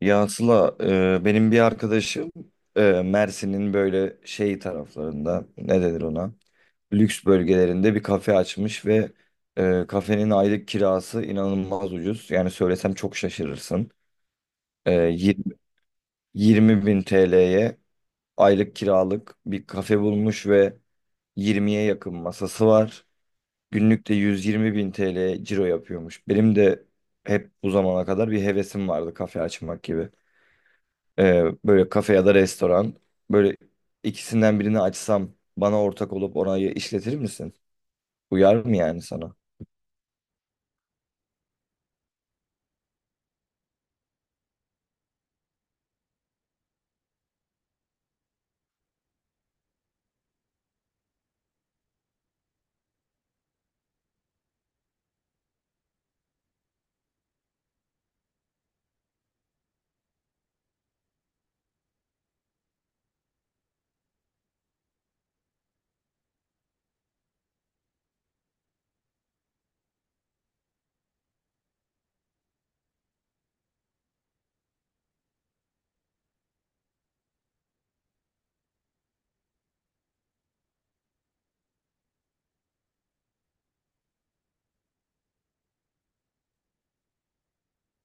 Ya Sıla, benim bir arkadaşım Mersin'in böyle şey taraflarında ne denir ona? Lüks bölgelerinde bir kafe açmış ve kafenin aylık kirası inanılmaz ucuz. Yani söylesem çok şaşırırsın. E, 20, 20 bin TL'ye aylık kiralık bir kafe bulmuş ve 20'ye yakın masası var. Günlük de 120 bin TL ciro yapıyormuş. Benim de hep bu zamana kadar bir hevesim vardı kafe açmak gibi. Böyle kafe ya da restoran. Böyle ikisinden birini açsam bana ortak olup orayı işletir misin? Uyar mı yani sana?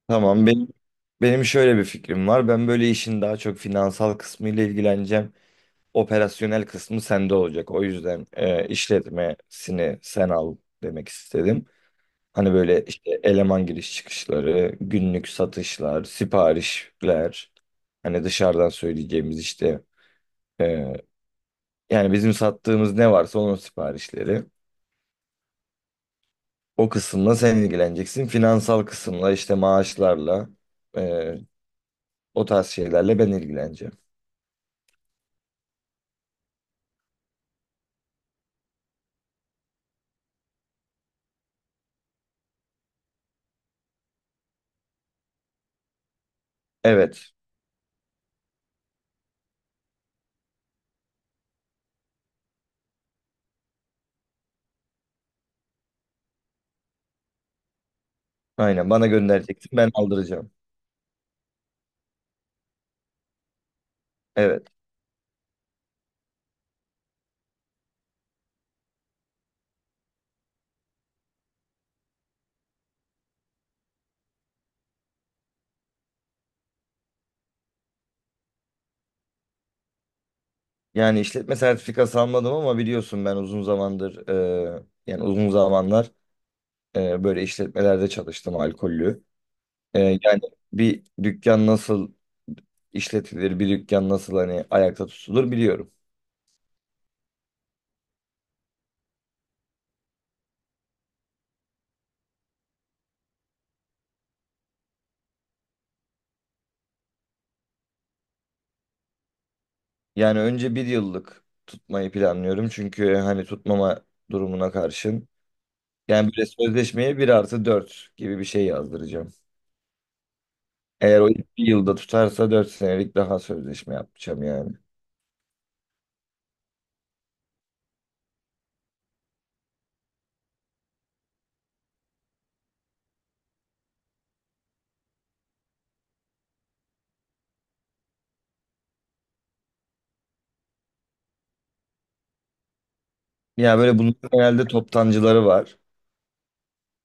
Tamam benim şöyle bir fikrim var. Ben böyle işin daha çok finansal kısmıyla ilgileneceğim. Operasyonel kısmı sende olacak. O yüzden işletmesini sen al demek istedim. Hani böyle işte eleman giriş çıkışları, günlük satışlar, siparişler, hani dışarıdan söyleyeceğimiz işte e, yani bizim sattığımız ne varsa onun siparişleri. O kısımla sen ilgileneceksin. Finansal kısımla işte maaşlarla, e, O tarz şeylerle ben ilgileneceğim. Evet. Aynen bana göndereceksin ben aldıracağım. Evet. Yani işletme sertifikası almadım ama biliyorsun ben uzun zamandır yani uzun zamanlar böyle işletmelerde çalıştım alkollü. Yani bir dükkan nasıl işletilir, bir dükkan nasıl hani ayakta tutulur biliyorum. Yani önce bir yıllık tutmayı planlıyorum. Çünkü hani tutmama durumuna karşın. Yani böyle sözleşmeye 1+4 gibi bir şey yazdıracağım. Eğer o ilk bir yılda tutarsa 4 senelik daha sözleşme yapacağım yani. Ya böyle bunun genelde toptancıları var.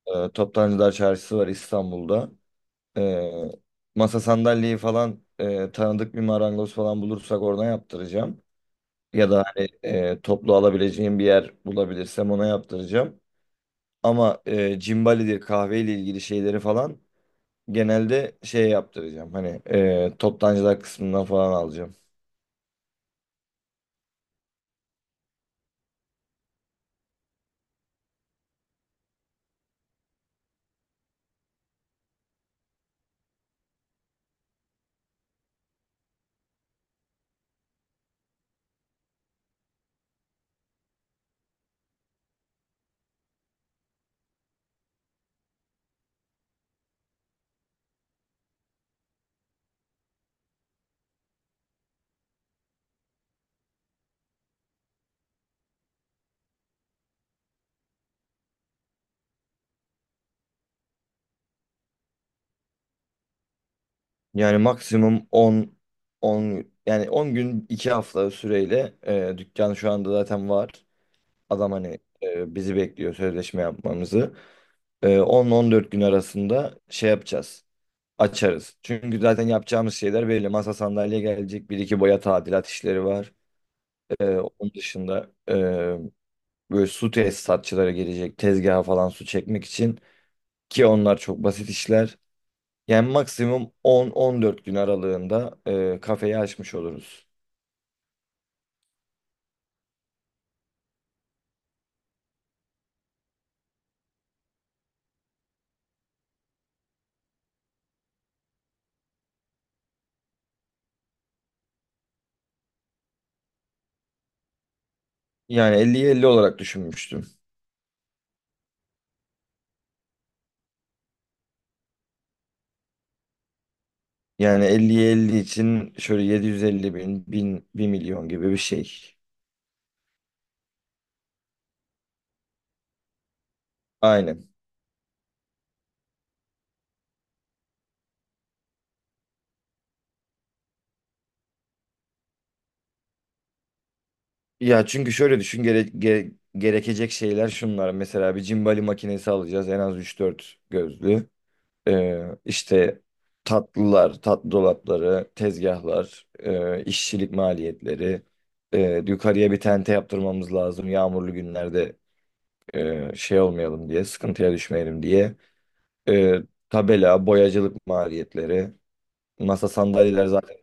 Toptancılar Çarşısı var İstanbul'da. Ee, masa sandalyeyi falan tanıdık bir marangoz falan bulursak oradan yaptıracağım. Ya da hani toplu alabileceğim bir yer bulabilirsem ona yaptıracağım. Ama cimbalidir kahveyle ilgili şeyleri falan genelde şey yaptıracağım. Hani toptancılar kısmından falan alacağım. Yani maksimum 10 yani 10 gün 2 hafta süreyle dükkan şu anda zaten var. Adam hani bizi bekliyor sözleşme yapmamızı. 10-14 gün arasında şey yapacağız. Açarız. Çünkü zaten yapacağımız şeyler belli. Masa sandalye gelecek. Bir iki boya tadilat işleri var. Onun dışında böyle su tesisatçılara gelecek tezgaha falan su çekmek için ki onlar çok basit işler. Yani maksimum 10-14 gün aralığında kafeyi açmış oluruz. Yani 50'ye 50 olarak düşünmüştüm. Yani 50'ye 50 için şöyle 750 bin, 1 milyon gibi bir şey. Aynen. Ya çünkü şöyle düşün gerekecek şeyler şunlar. Mesela bir cimbali makinesi alacağız en az üç dört gözlü. İşte tatlılar, tatlı dolapları, tezgahlar, işçilik maliyetleri. Yukarıya bir tente yaptırmamız lazım. Yağmurlu günlerde şey olmayalım diye, sıkıntıya düşmeyelim diye. E, tabela, boyacılık maliyetleri. Masa sandalyeler zaten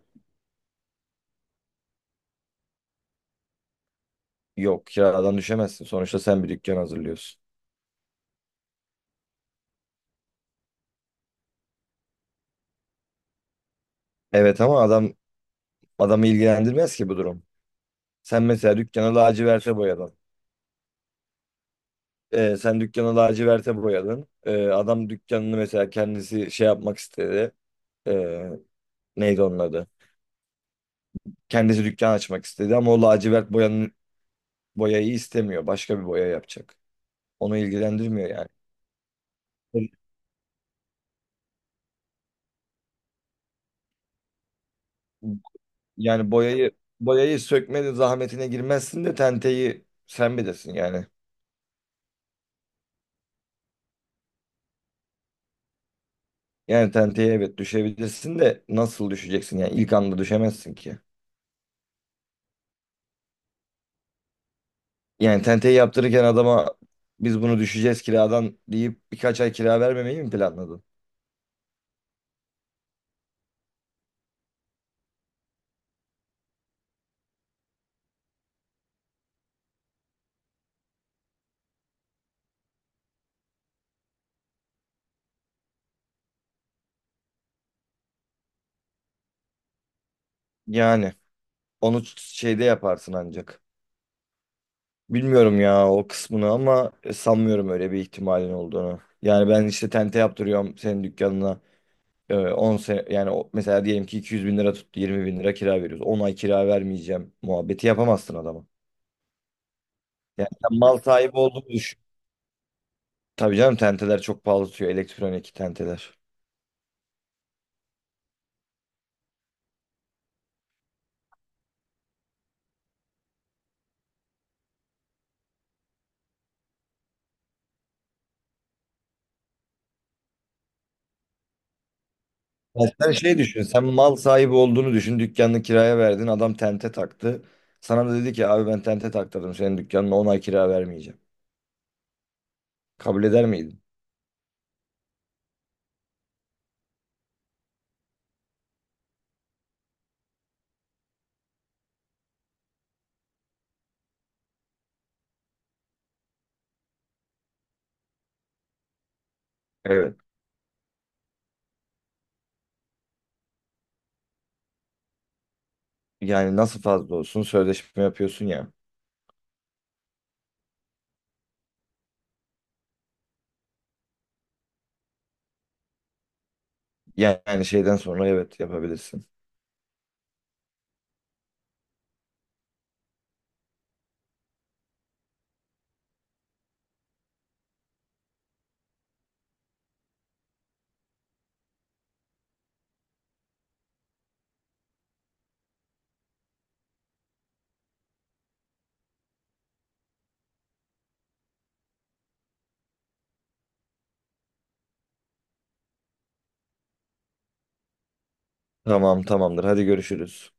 yok. Kiradan düşemezsin. Sonuçta sen bir dükkan hazırlıyorsun. Evet ama adamı ilgilendirmez ki bu durum. Sen mesela dükkanı laciverte boyadın. Sen dükkanı laciverte boyadın. Adam dükkanını mesela kendisi şey yapmak istedi. Ee, neydi onun adı? Kendisi dükkan açmak istedi ama o lacivert boyayı istemiyor. Başka bir boya yapacak. Onu ilgilendirmiyor yani. Yani boyayı sökmenin zahmetine girmezsin de tenteyi sen bilirsin yani. Yani tenteye evet düşebilirsin de nasıl düşeceksin yani ilk anda düşemezsin ki. Yani tenteyi yaptırırken adama biz bunu düşeceğiz kiradan deyip birkaç ay kira vermemeyi mi planladın? Yani onu şeyde yaparsın ancak. Bilmiyorum ya o kısmını ama sanmıyorum öyle bir ihtimalin olduğunu. Yani ben işte tente yaptırıyorum senin dükkanına. 10 sene yani mesela diyelim ki 200 bin lira tuttu 20 bin lira kira veriyoruz. 10 ay kira vermeyeceğim muhabbeti yapamazsın adama. Yani sen mal sahibi olduğunu düşün. Tabii canım tenteler çok pahalı tutuyor elektronik tenteler. Ya sen şey düşün sen mal sahibi olduğunu düşün dükkanını kiraya verdin adam tente taktı. Sana da dedi ki abi ben tente taktırdım senin dükkanına 10 ay kira vermeyeceğim. Kabul eder miydin? Evet. Yani nasıl fazla olsun sözleşme yapıyorsun ya. Yani şeyden sonra evet yapabilirsin. Tamam tamamdır hadi görüşürüz.